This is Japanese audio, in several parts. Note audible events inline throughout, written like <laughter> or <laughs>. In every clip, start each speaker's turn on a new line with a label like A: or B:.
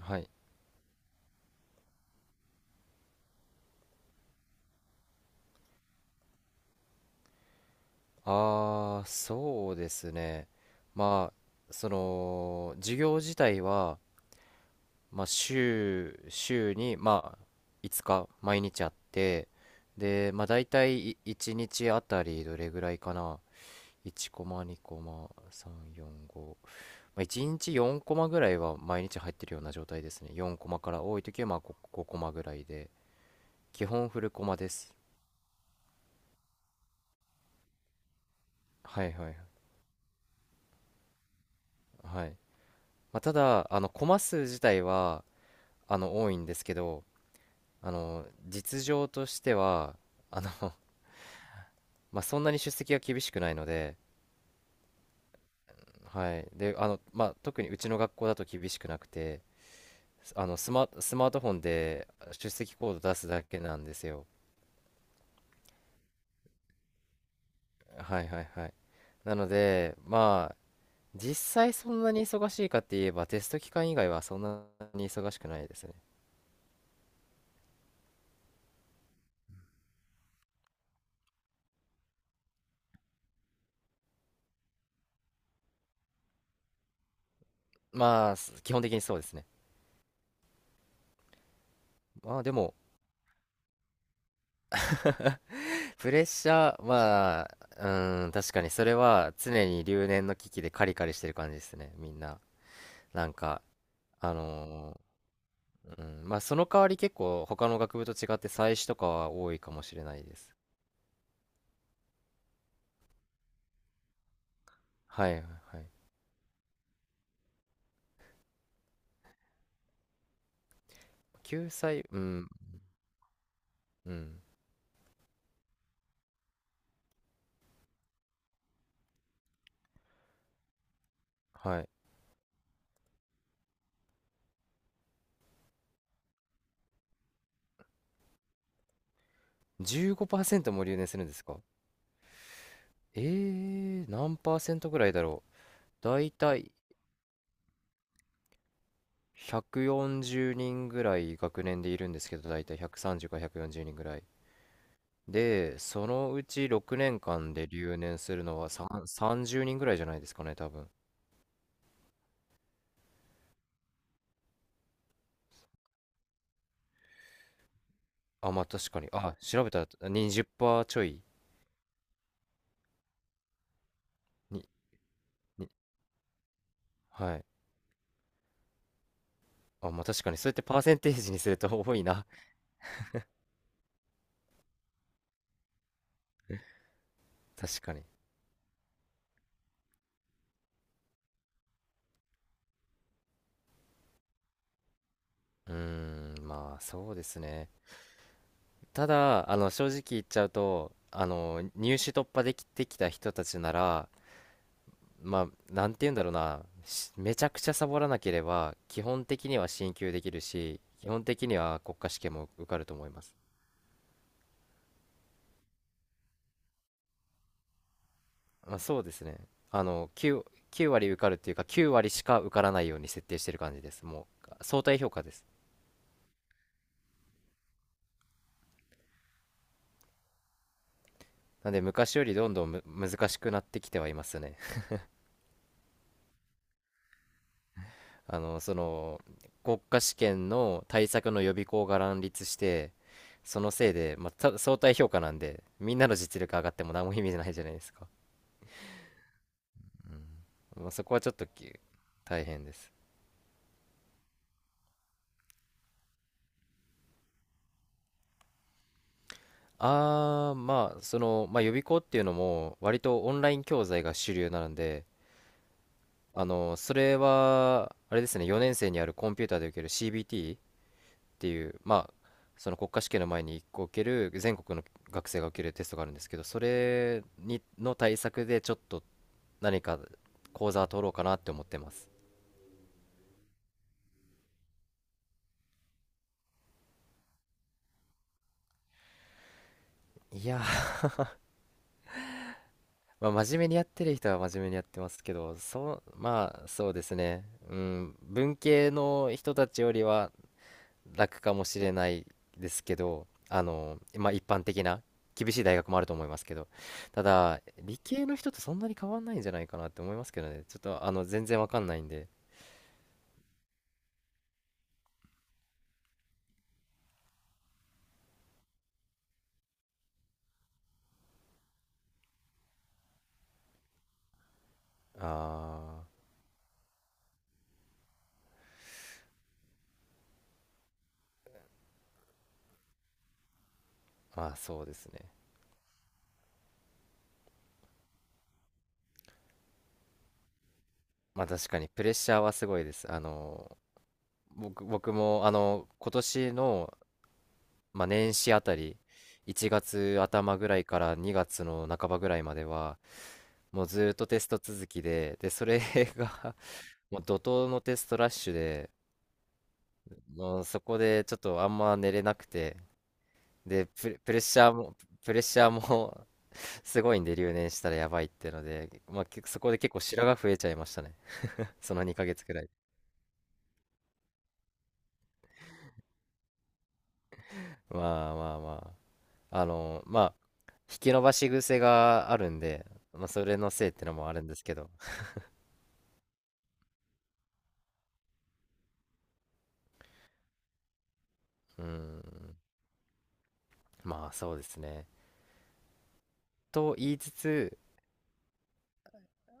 A: はい。ああ、そうですね。まあ、その、授業自体は、まあ、週に、まあ、5日、毎日あって、で、まあ、大体1日あたりどれぐらいかな。1コマ、2コマ、3、4、5。まあ、1日4コマぐらいは毎日入ってるような状態ですね。4コマから多い時は、まあ、5、コマぐらいで。基本フルコマです。はいはいはい。まあ、ただ、あの、コマ数自体は、多いんですけど、実情としては、あの、<laughs> まあ、そんなに出席が厳しくないので、はい、でまあ、特にうちの学校だと厳しくなくて、スマートフォンで出席コード出すだけなんですよ。はいはいはい。なので、まあ、実際そんなに忙しいかって言えば、テスト期間以外はそんなに忙しくないですね。まあ、基本的にそうですね。まあでも、<laughs> プレッシャー、まあ、うん、確かにそれは常に留年の危機でカリカリしてる感じですね、みんな。なんか、あのうん、まあその代わり結構他の学部と違って祭祀とかは多いかもしれないです。はいはいはい。救済、うん、うん、はい。15%も留年するんですか？え何パーセントぐらいだろう。だいたい140人ぐらい学年でいるんですけど、だいたい130から140人ぐらい。で、そのうち6年間で留年するのは、3、30人ぐらいじゃないですかね、多分。あ、まあ確かに。あ、調べたら20%ちょい。に、に、はい。あ、まあ確かに。そうやってパーセンテージにすると多いな。<laughs> 確かに。うーん、まあそうですね。ただ、正直言っちゃうと、入試突破できてきた人たちなら、まあ、なんて言うんだろうな、めちゃくちゃサボらなければ、基本的には進級できるし、基本的には国家試験も受かると思います。まあ、そうですね。あの、9割受かるっていうか、9割しか受からないように設定してる感じです。もう、相対評価です。なんで、昔よりどんどん難しくなってきてはいますね。<laughs> あの、その、国家試験の対策の予備校が乱立して、そのせいで、まあ、相対評価なんで、みんなの実力上がっても何も意味ないじゃないですか。うん、まあ、そこはちょっと大変です。まあ、その、まあ、予備校っていうのも、割とオンライン教材が主流なので、あの、それは、あれですね、4年生にあるコンピューターで受ける CBT っていう、まあ、その国家試験の前に1個受ける、全国の学生が受けるテストがあるんですけど、それに、の対策で、ちょっと何か講座取ろうかなって思ってます。いやー、まあ、真面目にやってる人は真面目にやってますけど、そう、まあ、そうですね。うん、文系の人たちよりは楽かもしれないですけど、あの、まあ、一般的な厳しい大学もあると思いますけど、ただ、理系の人とそんなに変わんないんじゃないかなって思いますけどね。ちょっと、あの、全然わかんないんで。ああ、まあ、そうですね。まあ、確かにプレッシャーはすごいです。あの、僕も、あの、今年の、まあ、年始あたり、1月頭ぐらいから2月の半ばぐらいまでは、もうずーっとテスト続きで、で、それが <laughs> もう怒涛のテストラッシュで、もうそこでちょっとあんま寝れなくて、で、プレッシャーも <laughs> すごいんで、留年したらやばいっていうので、まあ、そこで結構白髪増えちゃいましたね。<laughs> その2ヶ月くらい。まあまあまあ。あの、まあ、引き伸ばし癖があるんで、まあ、それのせいってのもあるんですけど、うーん、まあそうですね。と言いつつ、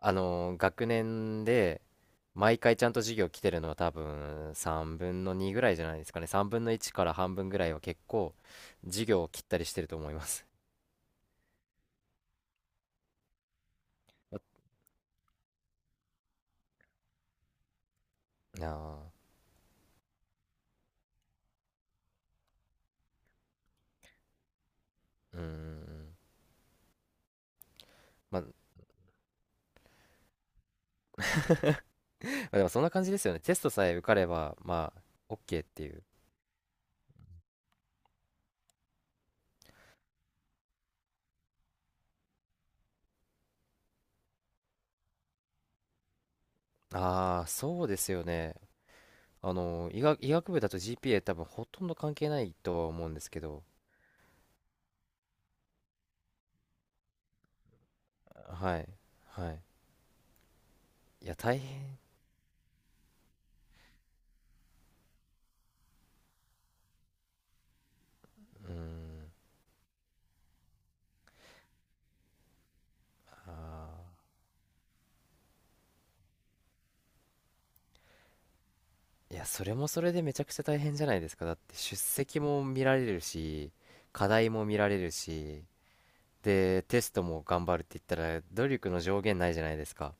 A: 学年で毎回ちゃんと授業来てるのは多分3分の2ぐらいじゃないですかね。3分の1から半分ぐらいは結構授業を切ったりしてると思います。ああ、うーん。まあ、まあでもそんな感じですよね。テストさえ受かれば、まあ、OK っていう。ああ、そうですよね。あの、医学部だと GPA 多分ほとんど関係ないとは思うんですけど、はい、はい。いや、大変、うん、あいや、それもそれでめちゃくちゃ大変じゃないですか。だって出席も見られるし、課題も見られるし、でテストも頑張るって言ったら努力の上限ないじゃないですか。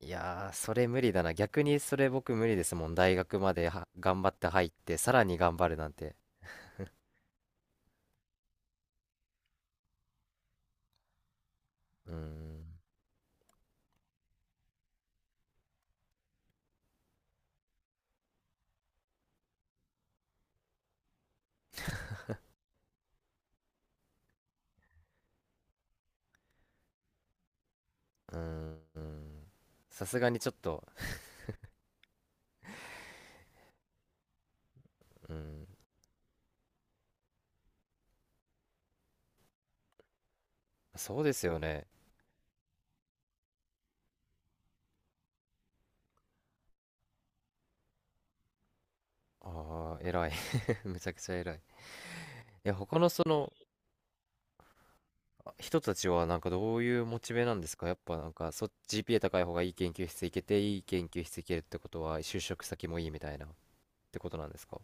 A: いやー、それ無理だな。逆にそれ僕無理ですもん。大学までは頑張って入って、さらに頑張るなんて。うーん、 <laughs> うーん、さすがにちょっと、うん、そうですよね。ああ、偉い。<laughs> めちゃくちゃ偉い。いや、他のその、人たちはなんかどういうモチベなんですか？やっぱなんかGPA 高い方がいい研究室行けて、いい研究室行けるってことは就職先もいいみたいな、ってことなんですか？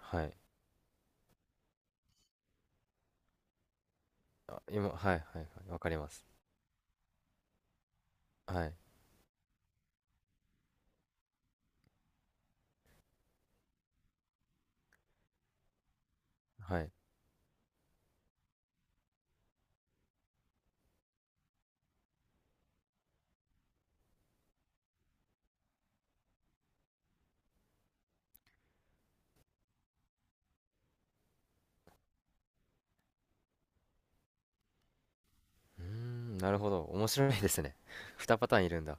A: はい、あ、今、はいはいはい、わかります。はいはい。うーん、なるほど。面白いですね。<laughs> 2パターンいるんだ。